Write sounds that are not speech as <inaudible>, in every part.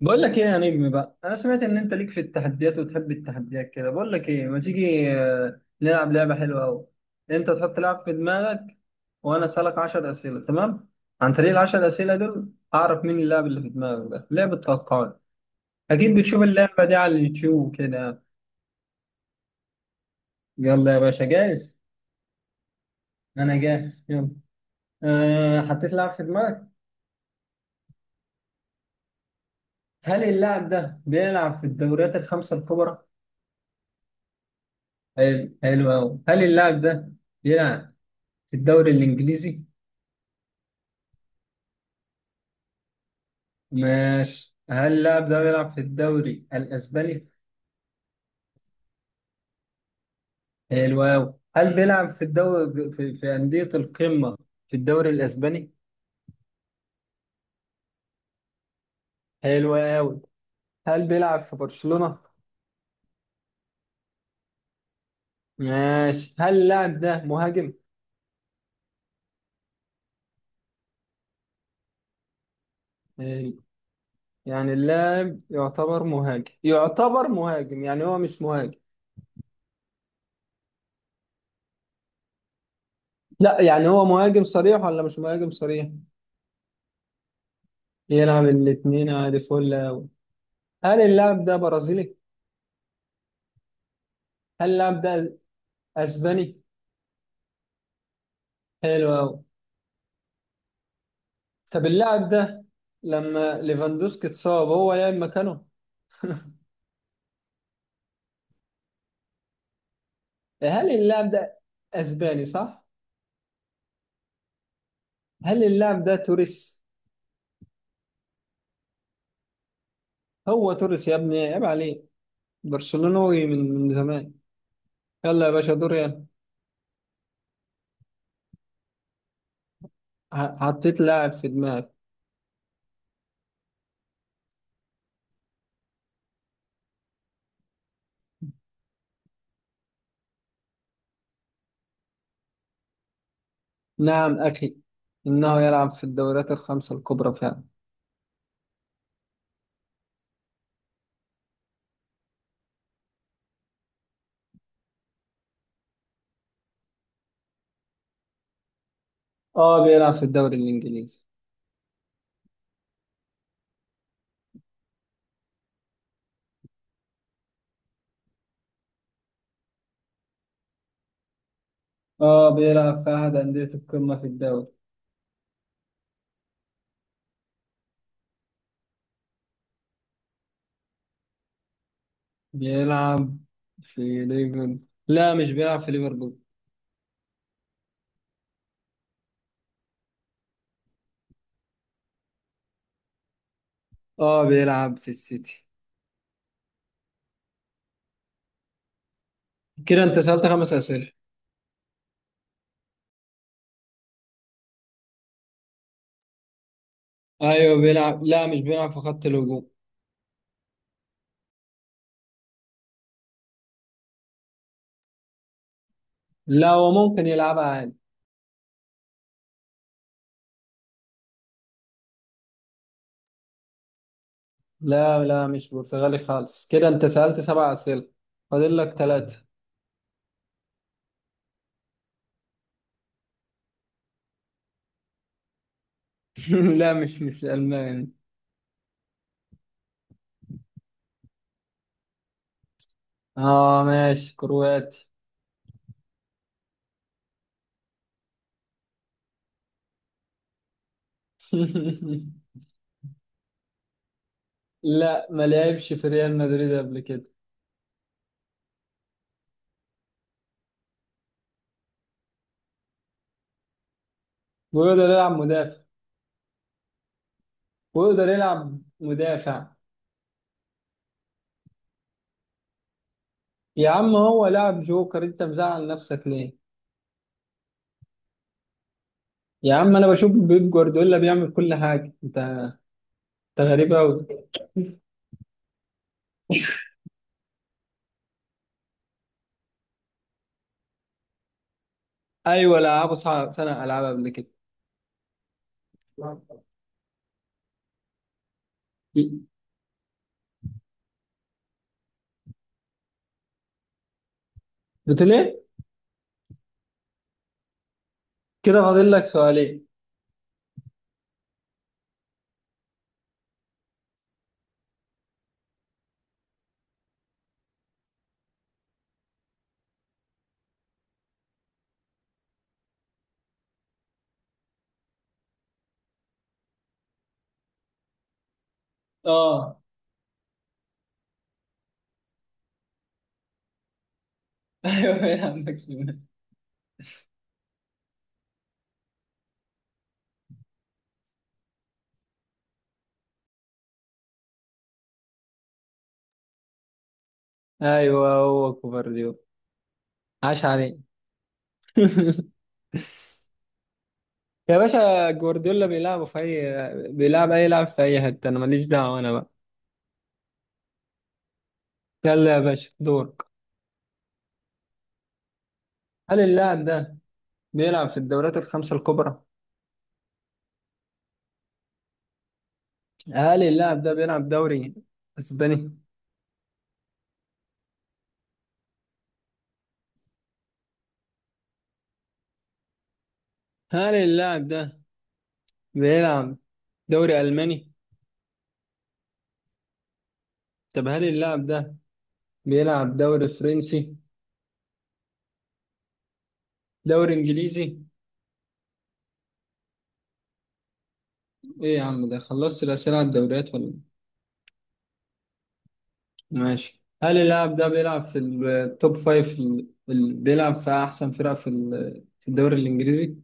بقول لك ايه يا نجم بقى، انا سمعت ان انت ليك في التحديات وتحب التحديات كده. بقول لك ايه، ما تيجي نلعب لعبه حلوه قوي. انت تحط لعب في دماغك وانا اسالك 10 اسئله. تمام؟ عن طريق ال 10 اسئله دول اعرف مين اللاعب اللي في دماغك. ده لعبه توقعات، اكيد بتشوف اللعبه دي على اليوتيوب كده. يلا يا باشا، جاهز؟ انا جاهز، يلا. أه، حطيت لاعب في دماغك. هل اللاعب ده بيلعب في الدوريات الخمسه الكبرى؟ حلو، حلو قوي. هل اللاعب ده بيلعب في الدوري الانجليزي؟ ماشي. هل اللاعب ده بيلعب في الدوري الاسباني؟ حلو أوي. هل بيلعب في الدوري في أندية القمة في الدوري الاسباني؟ حلو أوي. هل بيلعب في برشلونة؟ ماشي. هل اللاعب ده مهاجم؟ حلو. يعني اللاعب يعتبر مهاجم، يعتبر مهاجم يعني هو مش مهاجم؟ لا يعني، هو مهاجم صريح ولا مش مهاجم صريح؟ يلعب الاتنين عادي، فل أوي. هل اللاعب ده برازيلي؟ هل اللاعب ده اسباني؟ حلو أوي. طب اللاعب ده لما ليفاندوسكي اتصاب هو لعب مكانه؟ هل اللاعب ده اسباني صح؟ هل اللاعب ده توريس؟ هو توريس يا ابني، عيب عليه، برشلونوي من زمان. يلا يا باشا، دور يلا. حطيت لاعب في دماغي. نعم اخي، انه يلعب في الدوريات الخمسة الكبرى فعلا. اه بيلعب في الدوري الانجليزي. اه بيلعب في احد أندية القمة في الدوري. بيلعب في ليفربول، لا مش بيلعب في ليفربول. اه بيلعب في السيتي. كده انت سألت خمس أسئلة. ايوه بيلعب، لا مش بيلعب في خط الهجوم. لا هو ممكن يلعبها عادي. لا لا، مش برتغالي خالص. كده انت سألت سبع أسئلة، فاضل لك ثلاثة. <laughs> لا مش ألماني. اه ماشي كرواتي. <laughs> لا ما لعبش في ريال مدريد قبل كده. ويقدر يلعب مدافع، ويقدر يلعب مدافع. يا عم هو لاعب جوكر، انت مزعل نفسك ليه؟ يا عم انا بشوف بيب جوارديولا بيعمل كل حاجة، انت انت غريب قوي. ايوه العاب صعب، سنه العاب قبل كده. بتقول ايه؟ كده فاضل لك سؤالين. اه. <laughs> ايوه إيه، يا عندك سؤال. ايوه هو كوفارديولا. عاش عليه. <laughs> يا باشا جوارديولا بيلعبوا في اي، بيلعب اي لاعب في اي حته، انا ماليش دعوه، انا بقى. يلا يا باشا، دورك. هل اللاعب ده بيلعب في الدوريات الخمسه الكبرى؟ هل اللاعب ده بيلعب دوري اسباني؟ هل اللاعب ده بيلعب دوري الماني؟ طب هل اللاعب ده بيلعب دوري فرنسي؟ دوري انجليزي. ايه يا عم، ده خلصت الاسئله على الدوريات ولا؟ ماشي. هل اللاعب ده بيلعب في التوب فايف في ال... في ال- بيلعب في احسن فرق في ال... في الدوري الانجليزي؟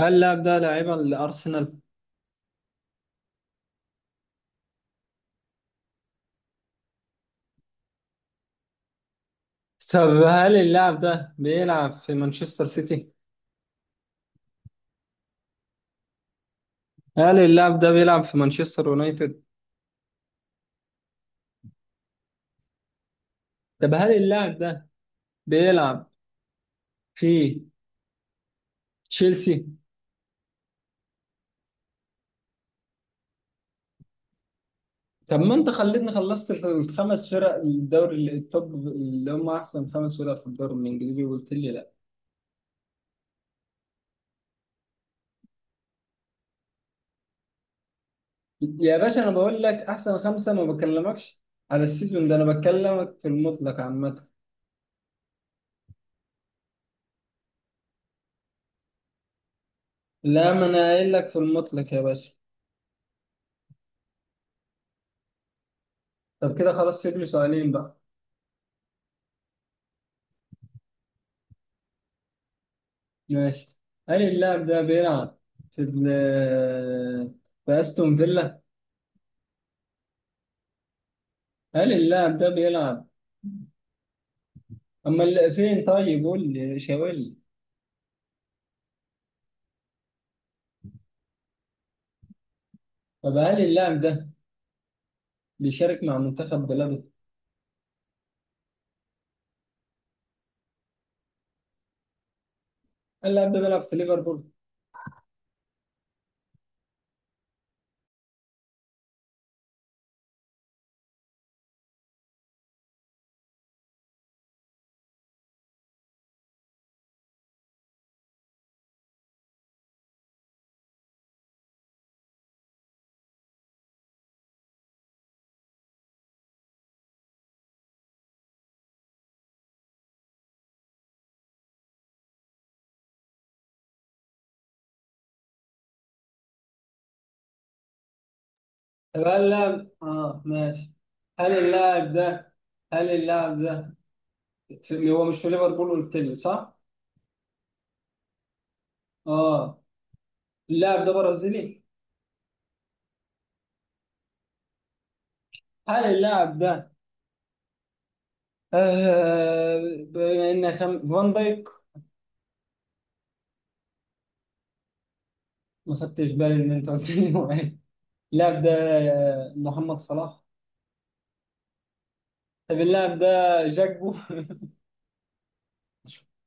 هل اللاعب ده لاعبا لارسنال؟ طب هل اللاعب ده بيلعب في مانشستر سيتي؟ هل اللاعب ده بيلعب في مانشستر يونايتد؟ طب هل اللاعب ده بيلعب في تشيلسي؟ طب ما انت خليتني خلصت الخمس فرق الدوري التوب اللي هم احسن خمس فرق في الدوري الانجليزي وقلت لي لا. يا باشا انا بقول لك احسن خمسه، ما بكلمكش على السيزون ده، انا بكلمك في المطلق عامه. لا، ما انا قايل لك في المطلق يا باشا. طب كده خلاص، سيب لي سؤالين بقى. ماشي. هل اللاعب ده بيلعب في في استون فيلا؟ هل اللاعب ده بيلعب اما فين؟ طيب قول لي، شاور لي. طب هل اللاعب ده بيشارك مع منتخب بلاده؟ اللاعب ده بيلعب في ليفربول؟ طب هل اللاعب، اه ماشي. هل اللاعب ده، هل اللاعب ده في... هو مش في ليفربول قلت لي، صح؟ اه. اللاعب ده برازيلي. هل اللاعب ده فان دايك؟ ما خدتش بالي ان انت قلت لي هو إيه. اللاعب ده محمد صلاح. طب اللاعب ده جاكبو. <laughs>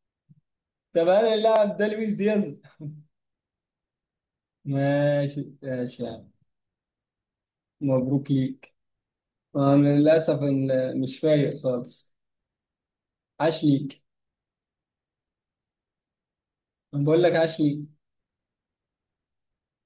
طب هل اللاعب ده لويس دياز؟ ماشي ماشي يعني. مبروك ليك. انا للاسف مش فايق خالص. عاش ليك. أنا بقول لك عاش ليك.